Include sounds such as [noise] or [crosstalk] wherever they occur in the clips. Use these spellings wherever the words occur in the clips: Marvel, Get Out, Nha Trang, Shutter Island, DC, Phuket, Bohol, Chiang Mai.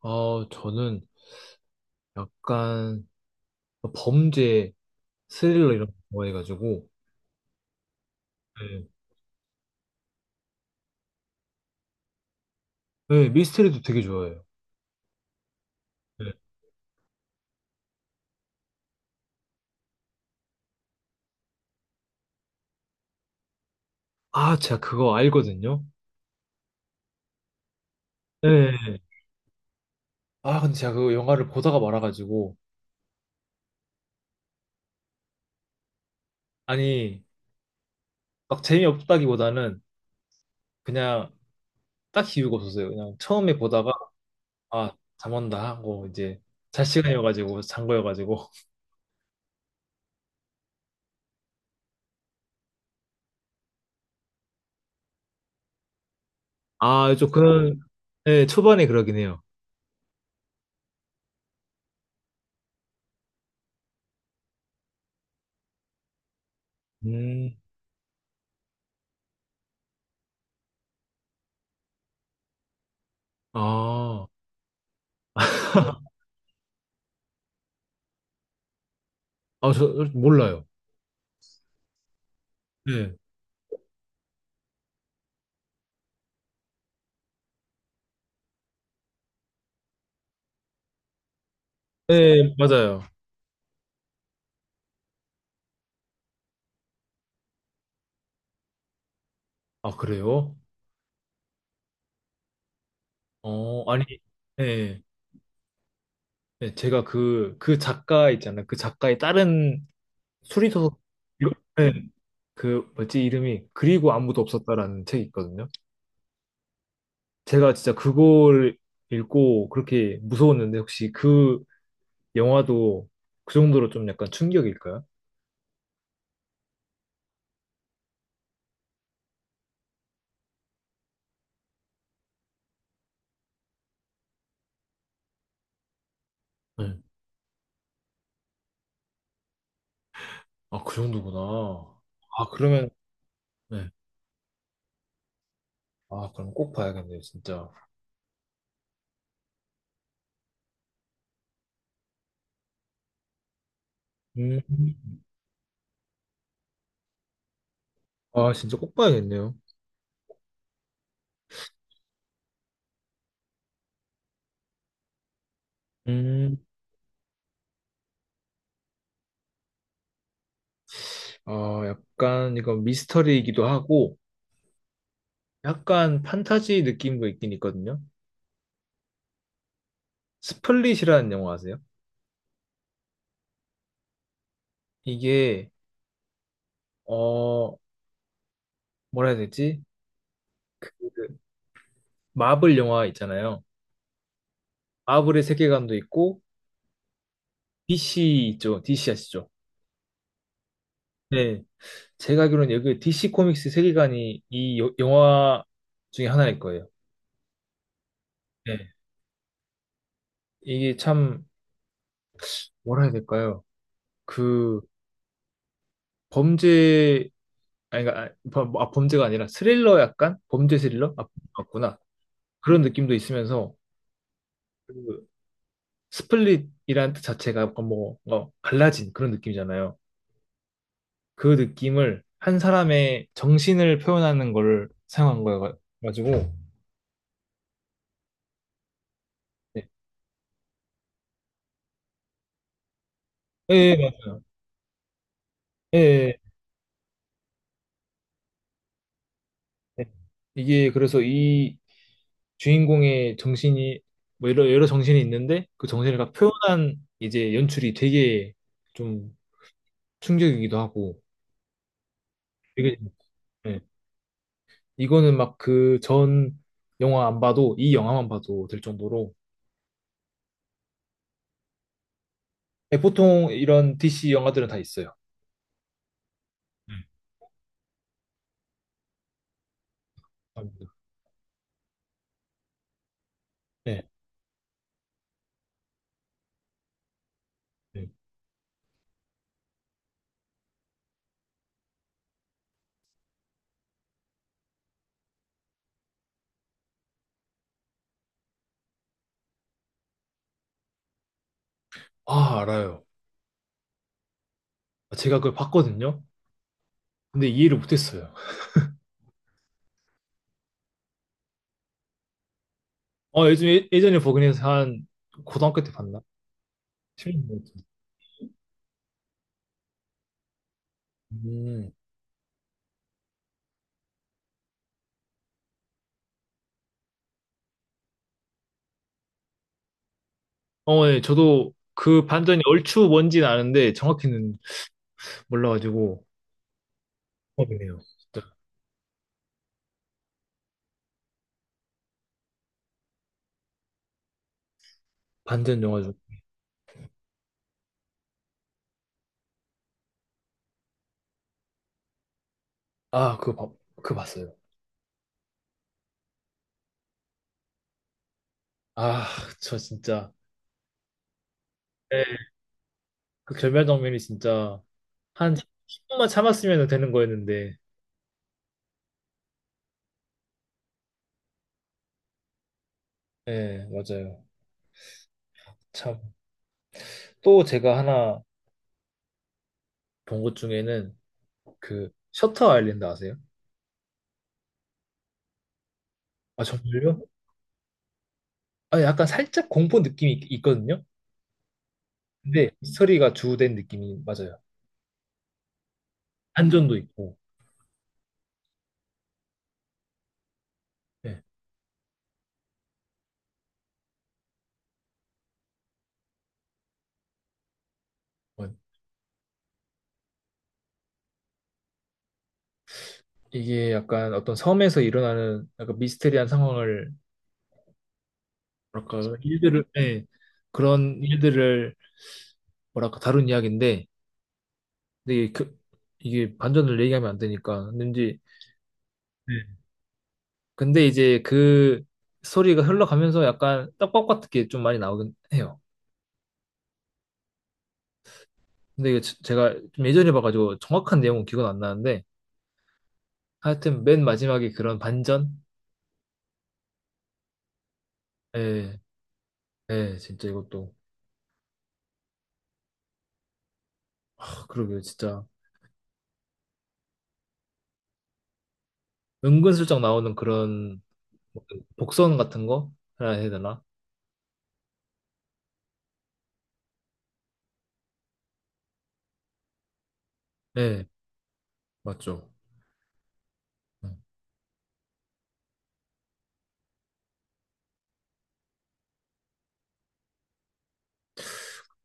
저는 약간 범죄, 스릴러 이런 거 좋아해가지고, 네. 네, 미스테리도 되게 좋아해요. 네. 아, 제가 그거 알거든요. 네. 아, 근데 제가 그 영화를 보다가 말아가지고, 아니, 막 재미없다기보다는 그냥 딱 이유가 없었어요. 그냥 처음에 보다가, 아, 잠 온다 하고, 이제 잘 시간이어가지고, 잔 거여가지고. [laughs] 아, 좀 그런, 네, 초반에 그러긴 해요. 음, 아, [laughs] 아, 저 몰라요. 네. 네, 맞아요. 아, 그래요? 어, 아니, 네, 네, 제가 그 작가 있잖아요. 그 작가의 다른 수리소설, 이거- 네, 그, 뭐지, 이름이, 그리고 아무도 없었다라는 책이 있거든요. 제가 진짜 그걸 읽고 그렇게 무서웠는데, 혹시 그 영화도 그 정도로 좀 약간 충격일까요? 네. 아, 그 정도구나. 아, 그러면, 네. 아, 그럼 꼭 봐야겠네요, 진짜. 음, 아, 진짜 꼭 봐야겠네요. 음. 어, 약간 이거 미스터리이기도 하고 약간 판타지 느낌도 있긴 있거든요. 스플릿이라는 영화 아세요? 이게 어, 뭐라 해야 되지? 그 마블 영화 있잖아요. 마블의 세계관도 있고 DC 있죠. DC 아시죠? 네. 제가 알기로는 여기 DC 코믹스 세계관이 이 영화 중에 하나일 거예요. 네. 이게 참 뭐라 해야 될까요? 그 범죄 아니, 그러니까, 아, 아, 범죄가 아니라 스릴러 약간? 범죄 스릴러? 아, 맞구나. 그런 느낌도 있으면서, 그 스플릿이라는 뜻 자체가 약간 뭐, 뭔가 갈라진 그런 느낌이잖아요. 그 느낌을 한 사람의 정신을 표현하는 걸 사용한 거여가지고, 네. 예, 예, 예, 예, 예. 네. 이게 그래서 이 주인공의 정신이, 뭐 여러 정신이 있는데, 그 정신을 다 표현한 이제 연출이 되게 좀 충격이기도 하고, 되게, 예. 이거는 막 그 전 영화 안 봐도 이 영화만 봐도 될 정도로 예, 보통 이런 DC 영화들은 다 있어요. 네, 감사합니다. 네. 네. 아, 알아요. 제가 그걸 봤거든요. 근데 이해를 못했어요. 어, 예전에 버그니에서 한 고등학교 때 봤나? 10년 전. 음. 어, 네. 저도 그 반전이 얼추 뭔지는 아는데 정확히는 몰라가지고. 궁금해요. 진짜. 반전 영화 중. 아, 그거 봤어요. 아, 저 진짜. 네. 그 결말 장면이 진짜. 한 10분만 참았으면 되는 거였는데. 네, 맞아요. 참. 또 제가 하나 본 것 중에는 그 셔터 아일랜드 아세요? 아, 정말요? 아, 약간 살짝 공포 느낌이 있거든요. 근데 스토리가 주된 느낌이 맞아요. 반전도 있고. 네. 뭐 이게 약간 어떤 섬에서 일어나는 약간 미스테리한 상황을 뭐랄까 일들을 예. 그런 일들을 뭐랄까 다룬 이야기인데 근데 이게, 그, 이게 반전을 얘기하면 안 되니까 왠지 예, 근데 이제 그 소리가 흘러가면서 약간 떡밥 같은 게 좀 많이 나오긴 해요. 근데 이게 제가 좀 예전에 봐가지고 정확한 내용은 기억은 안 나는데 하여튼 맨 마지막에 그런 반전? 예, 예, 진짜 이것도 하, 그러게요, 진짜 은근슬쩍 나오는 그런 복선 같은 거 해야 되나? 예, 맞죠. 네.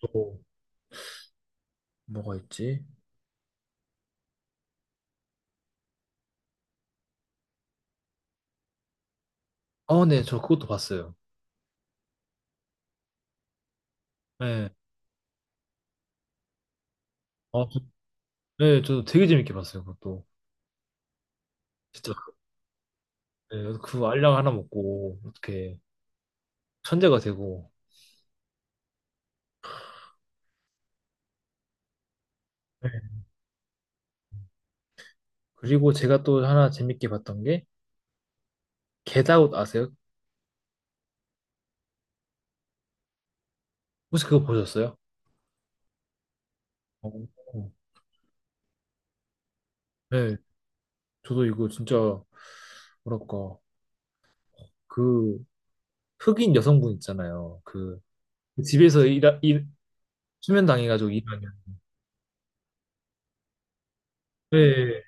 또 뭐가 있지? 아, 네, 저 그것도 봤어요. 예, 아, 예, 저도 되게 재밌게 봤어요, 그것도. 진짜 예, 그 알약 하나 먹고 어떻게 천재가 되고. 네. 그리고 제가 또 하나 재밌게 봤던 게 겟아웃 아세요? 혹시 그거 보셨어요? 어, 네, 저도 이거 진짜 뭐랄까 그 흑인 여성분 있잖아요. 그 집에서 일 수면 당해가지고 일하는. 네,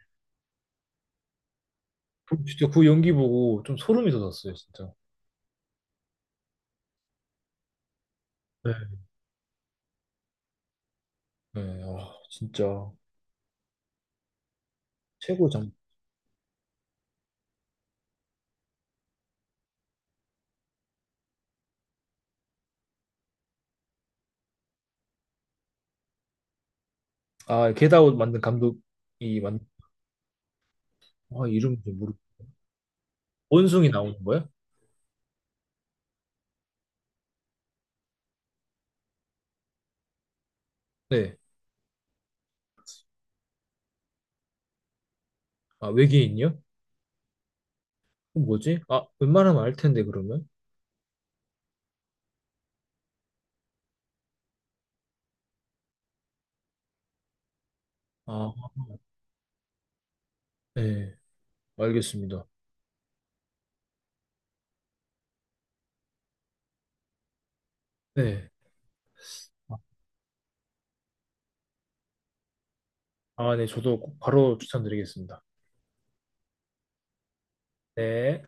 진짜 그 연기 보고 좀 소름이 돋았어요, 진짜. 네. 네, 아, 진짜 최고 장. 아, 겟아웃 만든 감독이 아, 이름 좀 모르. 원숭이 나오는 거야 네, 아 외계인이요? 어, 뭐지? 아, 웬만하면 알 텐데, 그러면. 아, 네. 알겠습니다. 네. 아, 네. 저도 바로 추천드리겠습니다. 네.